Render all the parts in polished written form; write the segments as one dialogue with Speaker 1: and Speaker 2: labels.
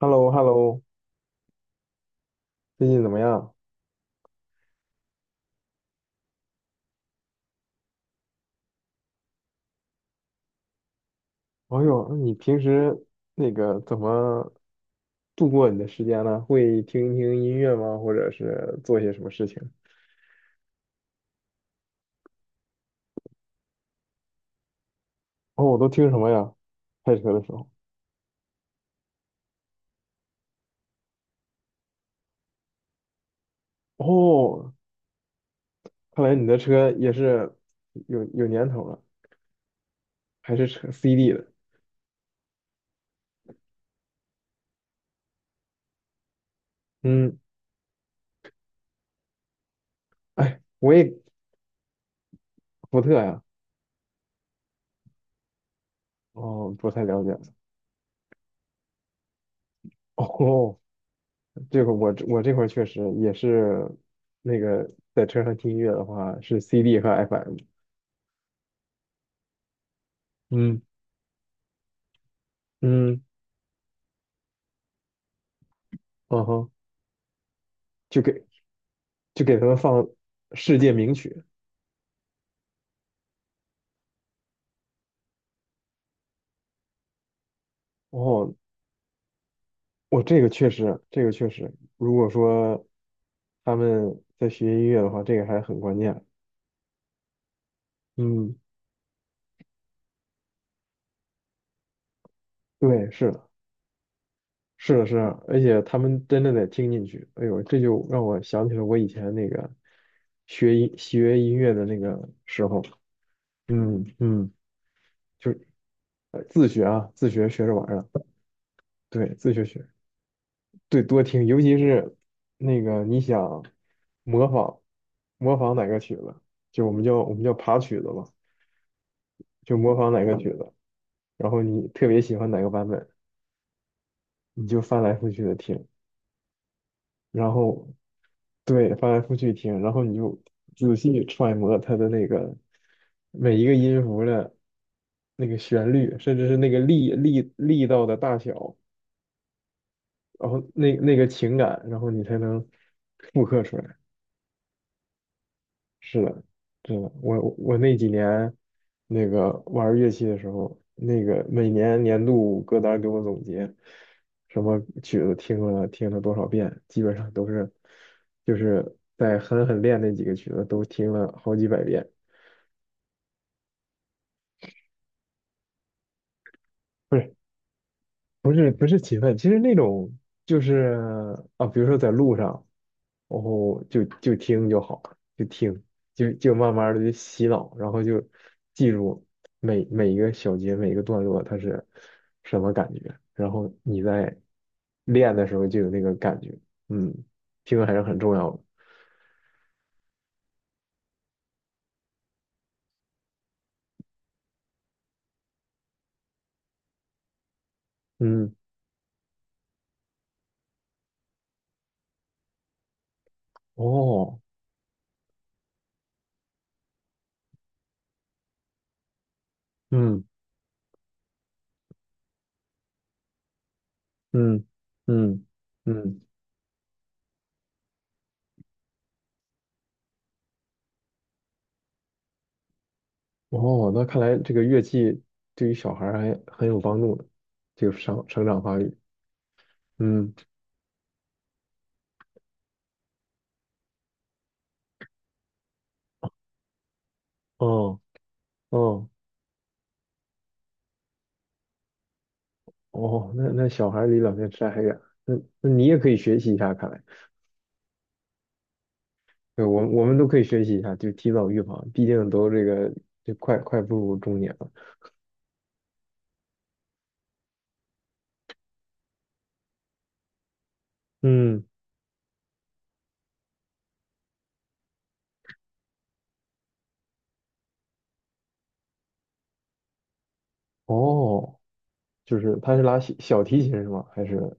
Speaker 1: h e l l o h e l l o 最近怎么样？哎呦，那你平时那个怎么度过你的时间呢？会听一听音乐吗？或者是做些什么事情？哦，我都听什么呀？开车的时候。哦，看来你的车也是有年头了，还是车 CD 的。嗯，哎，我也福特呀。哦，不太了解。哦，这个我这块儿确实也是那个在车上听音乐的话是 CD 和 FM。嗯嗯。嗯哼，就给就给他们放世界名曲。哦，我这个确实，这个确实，如果说他们在学音乐的话，这个还很关键。嗯，对，是的，是的，是的，而且他们真的得听进去。哎呦，这就让我想起了我以前那个学音乐的那个时候。嗯嗯，就呃自学啊，自学学着玩儿的，对，自学学。对，多听，尤其是那个你想模仿模仿哪个曲子，就我们叫爬曲子吧，就模仿哪个曲子，然后你特别喜欢哪个版本，你就翻来覆去的听，然后对翻来覆去听，然后你就仔细揣摩它的那个每一个音符的那个旋律，甚至是那个力道的大小，然后那个情感，然后你才能复刻出来。是的，真的，我那几年那个玩乐器的时候，那个每年年度歌单给我总结，什么曲子听了多少遍，基本上都是就是在狠狠练那几个曲子都听了好几百遍。不是勤奋，其实那种就是啊，比如说在路上，然后就听就好，就听就慢慢的就洗脑，然后就记住每一个小节每一个段落它是什么感觉，然后你在练的时候就有那个感觉，嗯，听还是很重要的，嗯，哦，嗯嗯嗯嗯哦，那看来这个乐器对于小孩儿还很有帮助呢，就个生长发育。嗯，哦，哦，哦，那那小孩儿离老年痴呆还远，那那你也可以学习一下，看来，对，我们都可以学习一下，就提早预防，毕竟都这个就快步入中年了。嗯，哦，就是他是拉小提琴是吗？还是？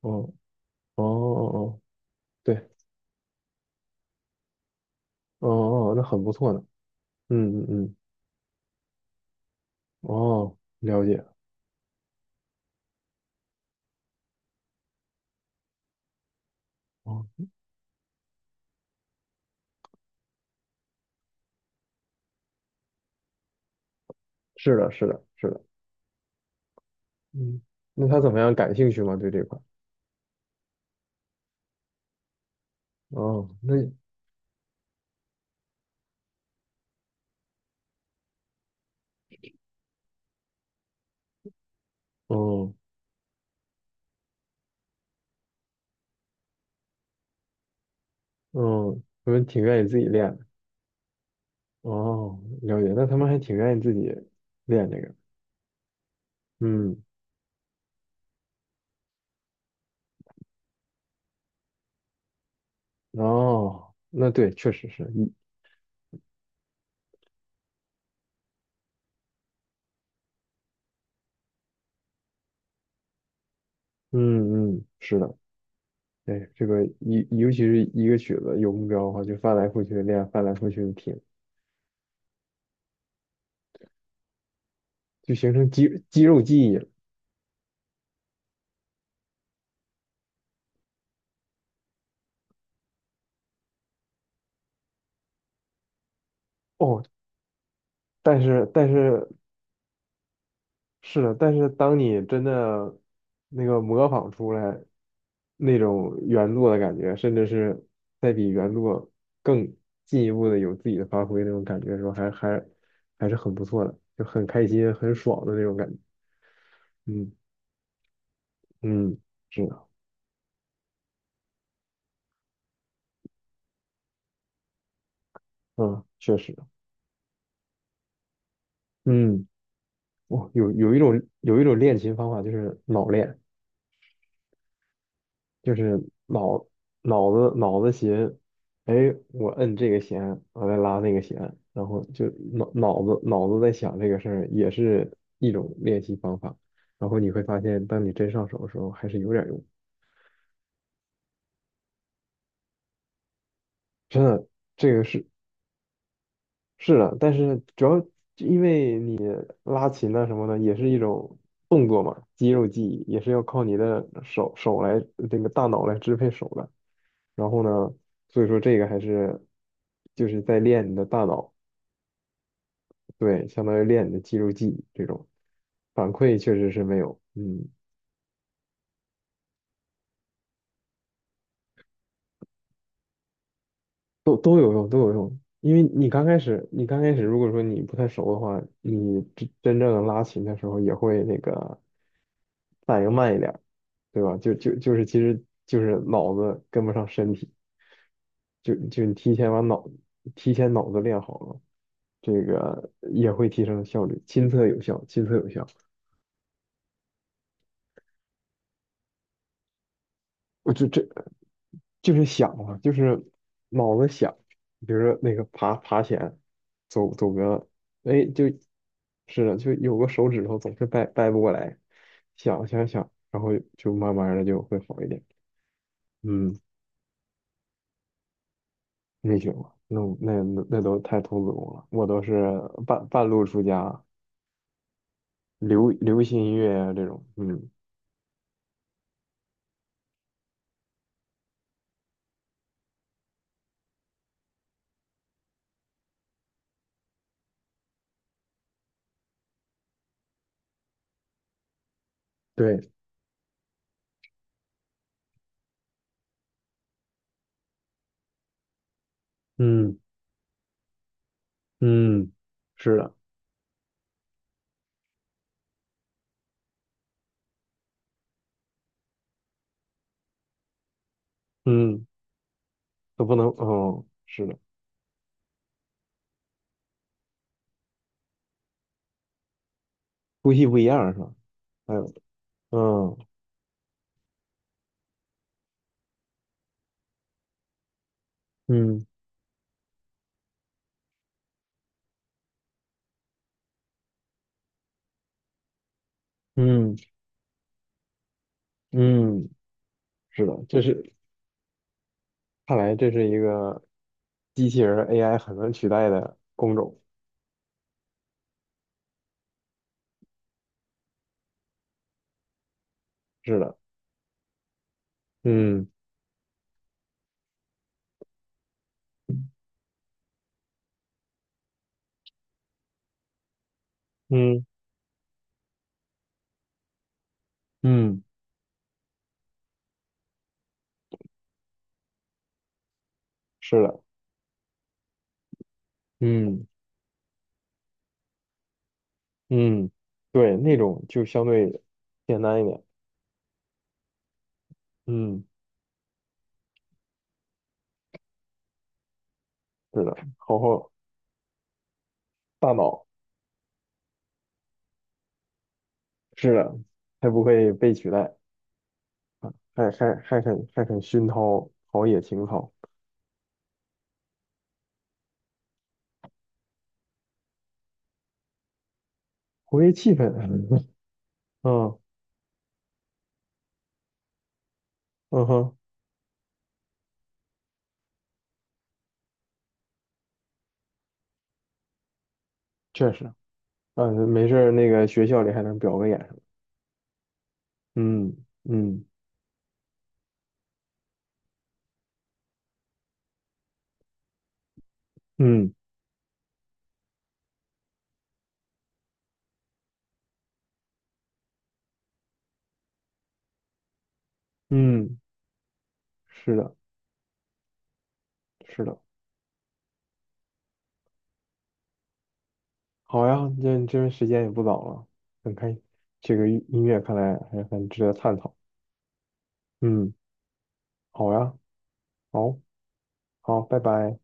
Speaker 1: 哦，哦哦哦，对，哦哦，那很不错呢。嗯嗯嗯，哦，了解。哦，是的，是的，是的。嗯，那他怎么样？感兴趣吗？对这块？哦，那哦哦，他们挺愿意自己练的。哦，了解。那他们还挺愿意自己练这个。嗯，哦，那对，确实是一嗯嗯，是的。对，这个一尤其是一个曲子有目标的话，就翻来覆去地练，翻来覆去地听，就形成肌肉记忆了。哦，但是是的，但是当你真的那个模仿出来那种原作的感觉，甚至是再比原作更进一步的有自己的发挥那种感觉的时候，还是很不错的，就很开心、很爽的那种感觉。嗯嗯，是的，嗯，确实，嗯，哇，有一种练琴方法就是脑练。就是脑脑子弦，哎，我摁这个弦，我再拉那个弦，然后就脑子在想这个事儿，也是一种练习方法。然后你会发现，当你真上手的时候，还是有点用。真的，这个是是的，但是主要因为拉琴啊什么的，也是一种动作嘛，肌肉记忆也是要靠你的手来这个大脑来支配手的。然后呢，所以说这个还是就是在练你的大脑。对，相当于练你的肌肉记忆这种反馈确实是没有，嗯，都有用，都有用。因为你刚开始如果说你不太熟的话，你真正拉琴的时候也会那个反应慢一点儿，对吧？就是其实就是脑子跟不上身体，就你提前把脑提前脑子练好了，这个也会提升效率，亲测有效，亲测有效。我就这就是想啊，就是脑子想，比如说那个爬来，走个，哎，就是的，就有个手指头总是掰不过来，想，然后就慢慢的就会好一点。嗯，没学过，那我那都太童子功了，我都是半路出家，流行音乐呀、这种。嗯，对，嗯嗯，是的，嗯，都不能，哦，是的，呼吸不一样是吧？还有。嗯嗯嗯嗯，是的，看来这是一个机器人 AI 很难取代的工种。是的，嗯嗯嗯，是的，嗯嗯，对，那种就相对简单一点。嗯，是的，好好大脑，是的，还不会被取代，还熏陶陶冶情操，活跃气氛。嗯嗯嗯哼，确实，嗯，没事儿，那个学校里还能表个演。嗯嗯嗯嗯，是的，是的。好呀，这边时间也不早了，很开，这个音乐看来还很值得探讨。嗯，好呀，好，好，拜拜。